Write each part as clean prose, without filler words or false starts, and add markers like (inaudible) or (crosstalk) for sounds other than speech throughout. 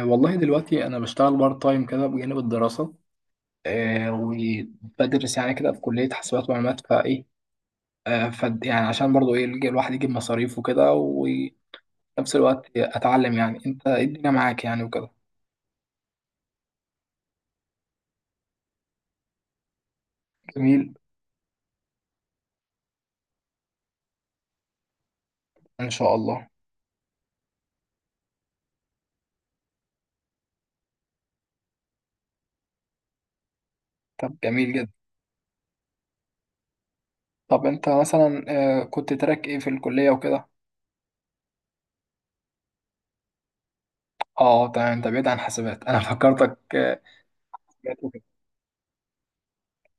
والله دلوقتي انا بشتغل بارت تايم كده بجانب الدراسه. آه. وبدرس يعني كده في كليه حاسبات ومعلومات فايه. آه ف يعني عشان برضو ايه الواحد يجيب مصاريف وكده، وفي نفس الوقت اتعلم يعني انت إيه الدنيا معاك يعني وكده. جميل. ان شاء الله. طب جميل جدا. طب انت مثلا آه كنت تراك ايه في الكليه وكده. اه تمام، انت بعيد عن حاسبات (laughs) انا فكرتك آه حاسبات وكده.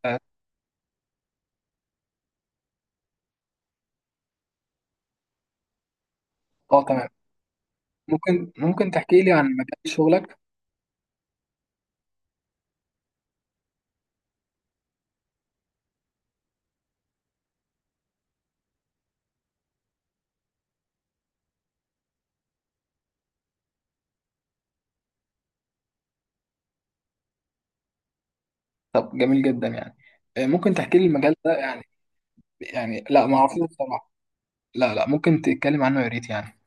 اه تمام. ممكن تحكي لي عن مجال شغلك. طب جميل جدا يعني. ممكن تحكي لي المجال ده يعني. يعني لا ما اعرفوش بصراحه. لا لا، ممكن تتكلم عنه يا ريت يعني.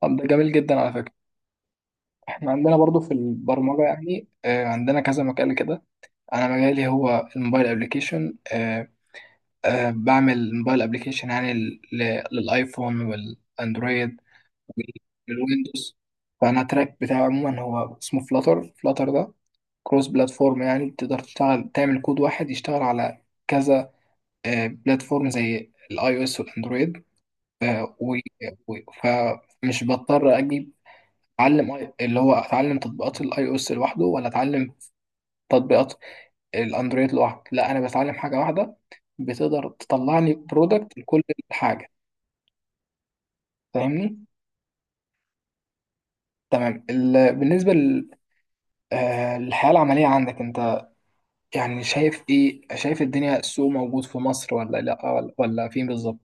طب ده جميل جدا على فكره. احنا عندنا برضو في البرمجه يعني، عندنا كذا مجال كده. انا مجالي هو الموبايل ابلكيشن. بعمل موبايل ابلكيشن يعني للايفون والاندرويد والويندوز. فانا التراك بتاعي عموما هو اسمه فلاتر. فلاتر ده كروس بلاتفورم، يعني تقدر تشتغل تعمل كود واحد يشتغل على كذا بلاتفورم زي الاي او اس والاندرويد. و... و... فمش بضطر اجيب اتعلم اللي هو اتعلم تطبيقات الاي او اس لوحده ولا اتعلم تطبيقات الاندرويد لوحده. لا انا بتعلم حاجه واحده بتقدر تطلع لي برودكت لكل حاجه. فاهمني؟ تمام. بالنسبه لل... آه، للحياه العمليه عندك انت، يعني شايف ايه، شايف الدنيا، السوق موجود في مصر ولا لا ولا فين بالظبط؟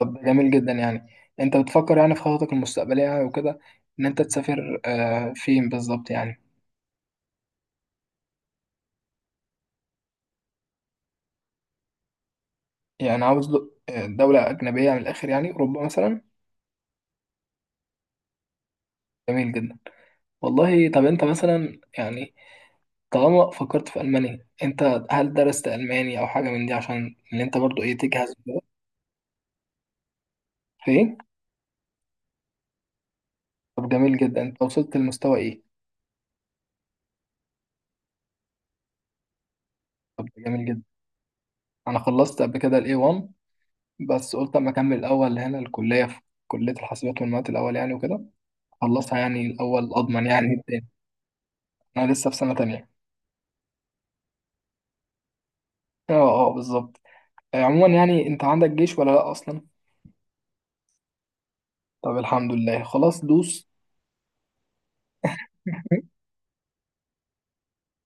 طب جميل جدا يعني. انت بتفكر يعني في خططك المستقبليه وكده ان انت تسافر، فين بالظبط يعني؟ يعني عاوز دولة أجنبية من الآخر، يعني أوروبا مثلا. جميل جدا والله. طب أنت مثلا يعني، طالما فكرت في ألمانيا أنت هل درست ألماني أو حاجة من دي عشان اللي أنت برضو إيه تجهز وكده؟ في إيه؟ طب جميل جدا. أنت وصلت لمستوى إيه؟ طب ده جميل جدا. أنا خلصت قبل كده ال A1، بس قلت أما أكمل الأول هنا الكلية، في كلية الحاسبات والمعلومات الأول يعني وكده. خلصها يعني الأول أضمن يعني التاني. أنا لسه في سنة تانية. أه أه بالظبط. عموما يعني أنت عندك جيش ولا لأ أصلا؟ طب الحمد لله، خلاص دوس. (laughs)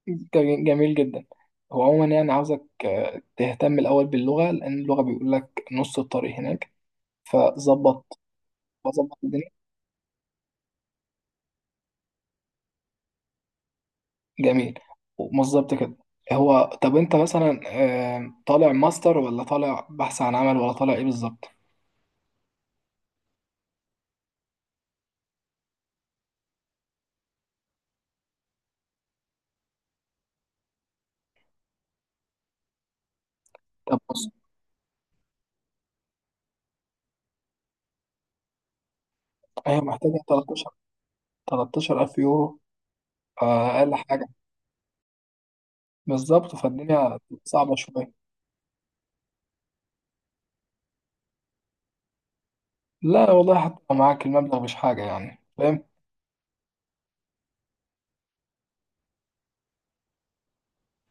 جميل، جميل جدا. هو عموما يعني عاوزك تهتم الأول باللغة، لأن اللغة بيقول لك نص الطريق هناك. فظبط. ظبط الدنيا. جميل. ومظبط كده. هو طب أنت مثلا طالع ماستر ولا طالع بحث عن عمل ولا طالع إيه بالظبط؟ طب بص، هي محتاجة 13، 13 ألف يورو أقل حاجة. بالظبط فالدنيا صعبة شوية. لا والله، حتى لو معاك المبلغ مش حاجة يعني.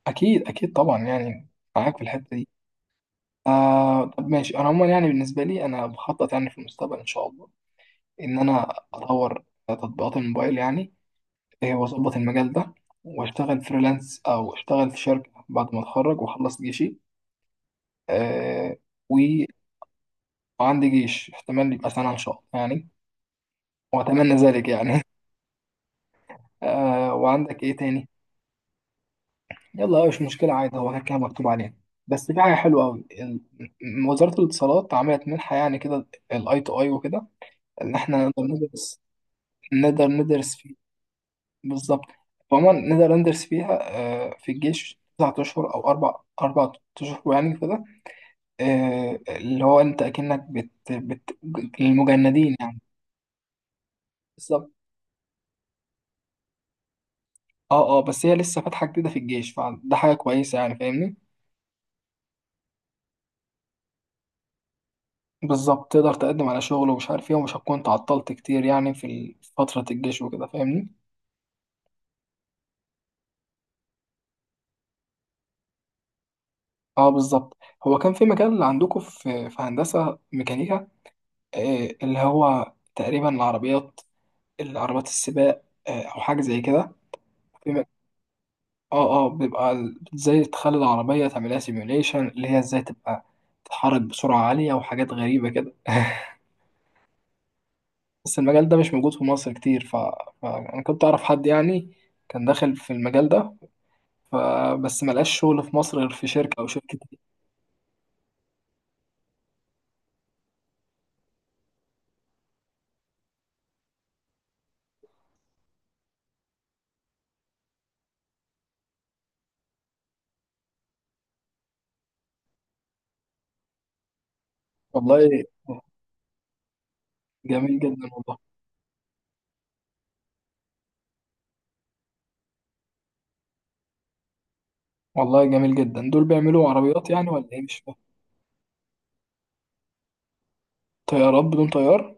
اكيد طبعا يعني. معاك في الحته دي. طب ماشي، انا عموما يعني بالنسبه لي انا بخطط يعني في المستقبل ان شاء الله ان انا اطور تطبيقات الموبايل يعني. واظبط المجال ده واشتغل فريلانس او اشتغل في شركه بعد ما اتخرج واخلص جيشي. آه و- وعندي جيش، احتمال يبقى سنه ان شاء الله يعني. واتمنى ذلك يعني. (laughs) وعندك ايه تاني؟ يلا مش مشكلة عادي، هو كده كده مكتوب عليها. بس في حاجة حلوة أوي، وزارة الاتصالات عملت منحة يعني كده، الأي تو أي وكده، إن إحنا نقدر ندرس فيه. بالظبط. عموما نقدر ندرس فيها. في الجيش 9 أشهر أو أربع أشهر يعني كده. اللي هو أنت أكنك بت للمجندين يعني. بالظبط. أه أه بس هي لسه فاتحة جديدة في الجيش، فده حاجة كويسة يعني فاهمني. بالظبط، تقدر تقدم على شغل ومش عارف ايه ومش هتكون تعطلت كتير يعني في فترة الجيش وكده فاهمني. اه بالظبط. هو كان في مجال عندكم في هندسة ميكانيكا، اللي هو تقريبا العربيات. العربيات السباق او حاجة زي كده. في م- اه اه بيبقى ازاي تخلي العربية تعملها سيميوليشن، اللي هي ازاي تبقى تتحرك بسرعة عالية وحاجات غريبة كده (laughs) بس المجال ده مش موجود في مصر كتير، فأنا كنت أعرف حد يعني كان داخل في المجال ده، فبس ملقاش شغل في مصر غير في شركة أو شركة. والله جميل جدا والله. والله جميل جدا، دول بيعملوا عربيات يعني ولا إيه؟ مش فاهم. طيارات بدون طيار؟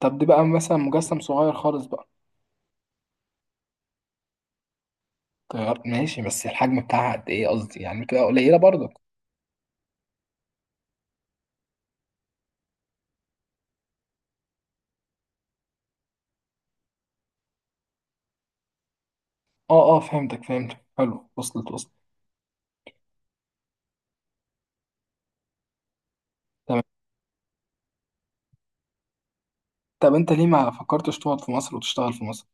طب دي بقى مثلا مجسم صغير خالص بقى؟ طيار ماشي، بس الحجم بتاعها قد إيه، قصدي يعني بتبقى قليلة برضك؟ أه أه فهمتك حلو، وصلت. تمام. طب أنت ليه ما فكرتش تقعد في مصر وتشتغل في مصر؟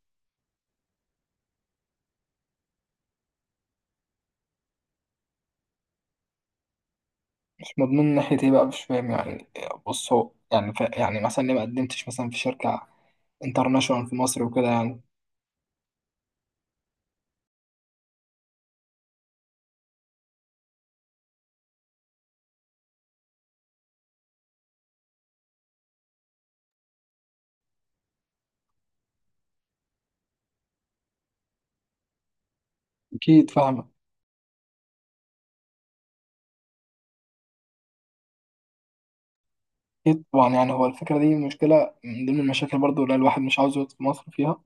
مش مضمون من ناحية إيه بقى، مش فاهم يعني؟ بص، هو يعني يعني مثلا ليه ما قدمتش مثلا في شركة انترناشونال في مصر وكده يعني؟ أكيد فاهم. أكيد طبعا يعني، هو الفكرة دي مشكلة من ضمن المشاكل برضو اللي الواحد مش عاوز يقعد في مصر فيها.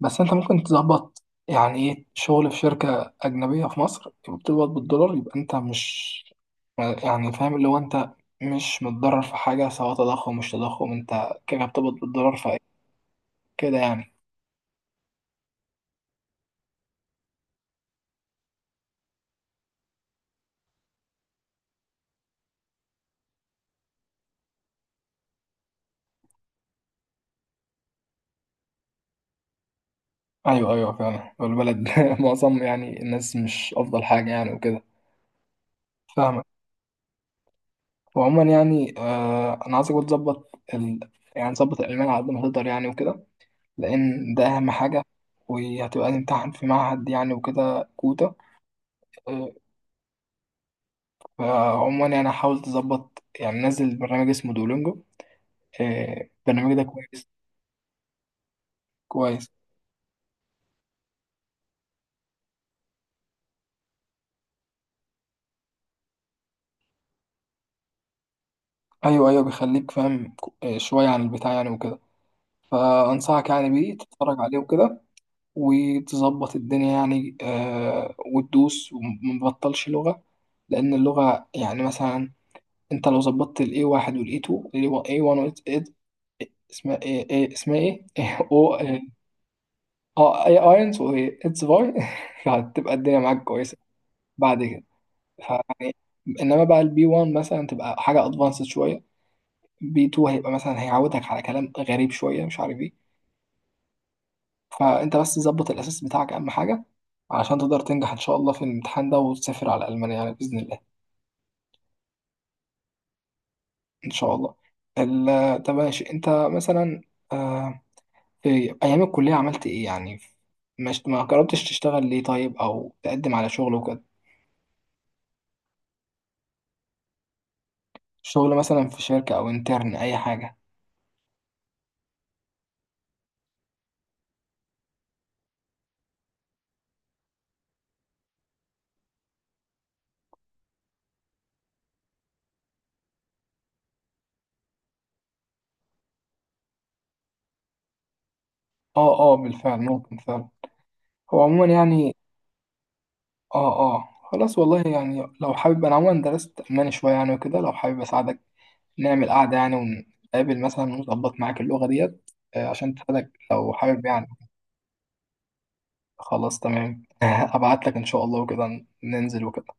بس أنت ممكن تظبط يعني إيه شغل في شركة أجنبية في مصر، يبقى بتقبض بالدولار، يبقى أنت مش يعني، فاهم اللي هو أنت مش متضرر في حاجة، سواء تضخم مش تضخم أنت كده بتقبض بالدولار. فكده يعني. أيوه فعلا، والبلد (laughs) معظم يعني الناس مش أفضل حاجة يعني وكده. فاهمك. وعموما يعني أنا عايزك بقى تظبط يعني تظبط الألمان على قد ما تقدر يعني وكده، لأن ده أهم حاجة. وهتبقى تمتحن في معهد يعني وكده كوتا، آه، فعموما يعني حاول تظبط، يعني نزل برنامج اسمه دولينجو. البرنامج ده كويس. كويس. أيوه بيخليك فاهم شوية عن البتاع يعني وكده، فأنصحك يعني بيه تتفرج عليه وكده وتظبط الدنيا يعني. وتدوس ومبطلش لغة، لأن اللغة يعني مثلا انت لو ظبطت ال A1 وال A2 ال A1 وال A اسمها ايه، اسمها ايه (laughs) او اه، اي اينز و اتس فاي (laughs) هتبقى الدنيا معاك كويسه بعد كده. فيعني انما بقى البي 1 مثلا تبقى حاجه ادفانسد شويه، بي 2 هيبقى مثلا هيعودك على كلام غريب شويه مش عارف ايه. فانت بس ظبط الاساس بتاعك، اهم حاجه عشان تقدر تنجح ان شاء الله في الامتحان ده وتسافر على المانيا يعني باذن الله. ان شاء الله. طب ماشي، انت مثلا آه، في أيام الكلية عملت إيه يعني؟ مش ما جربتش تشتغل ليه طيب، أو تقدم على شغل وكده، شغل مثلا في شركة أو انترن أي حاجة؟ أه أه بالفعل ممكن فعلا. هو عموما يعني. أه أه خلاص والله يعني لو حابب، أنا عموما درست ألماني شوية يعني وكده، لو حابب أساعدك، نعمل قعدة يعني ونتقابل مثلا ونظبط معاك اللغة ديت عشان تساعدك لو حابب يعني. خلاص تمام. (laughs) أبعت لك إن شاء الله وكده ننزل وكده.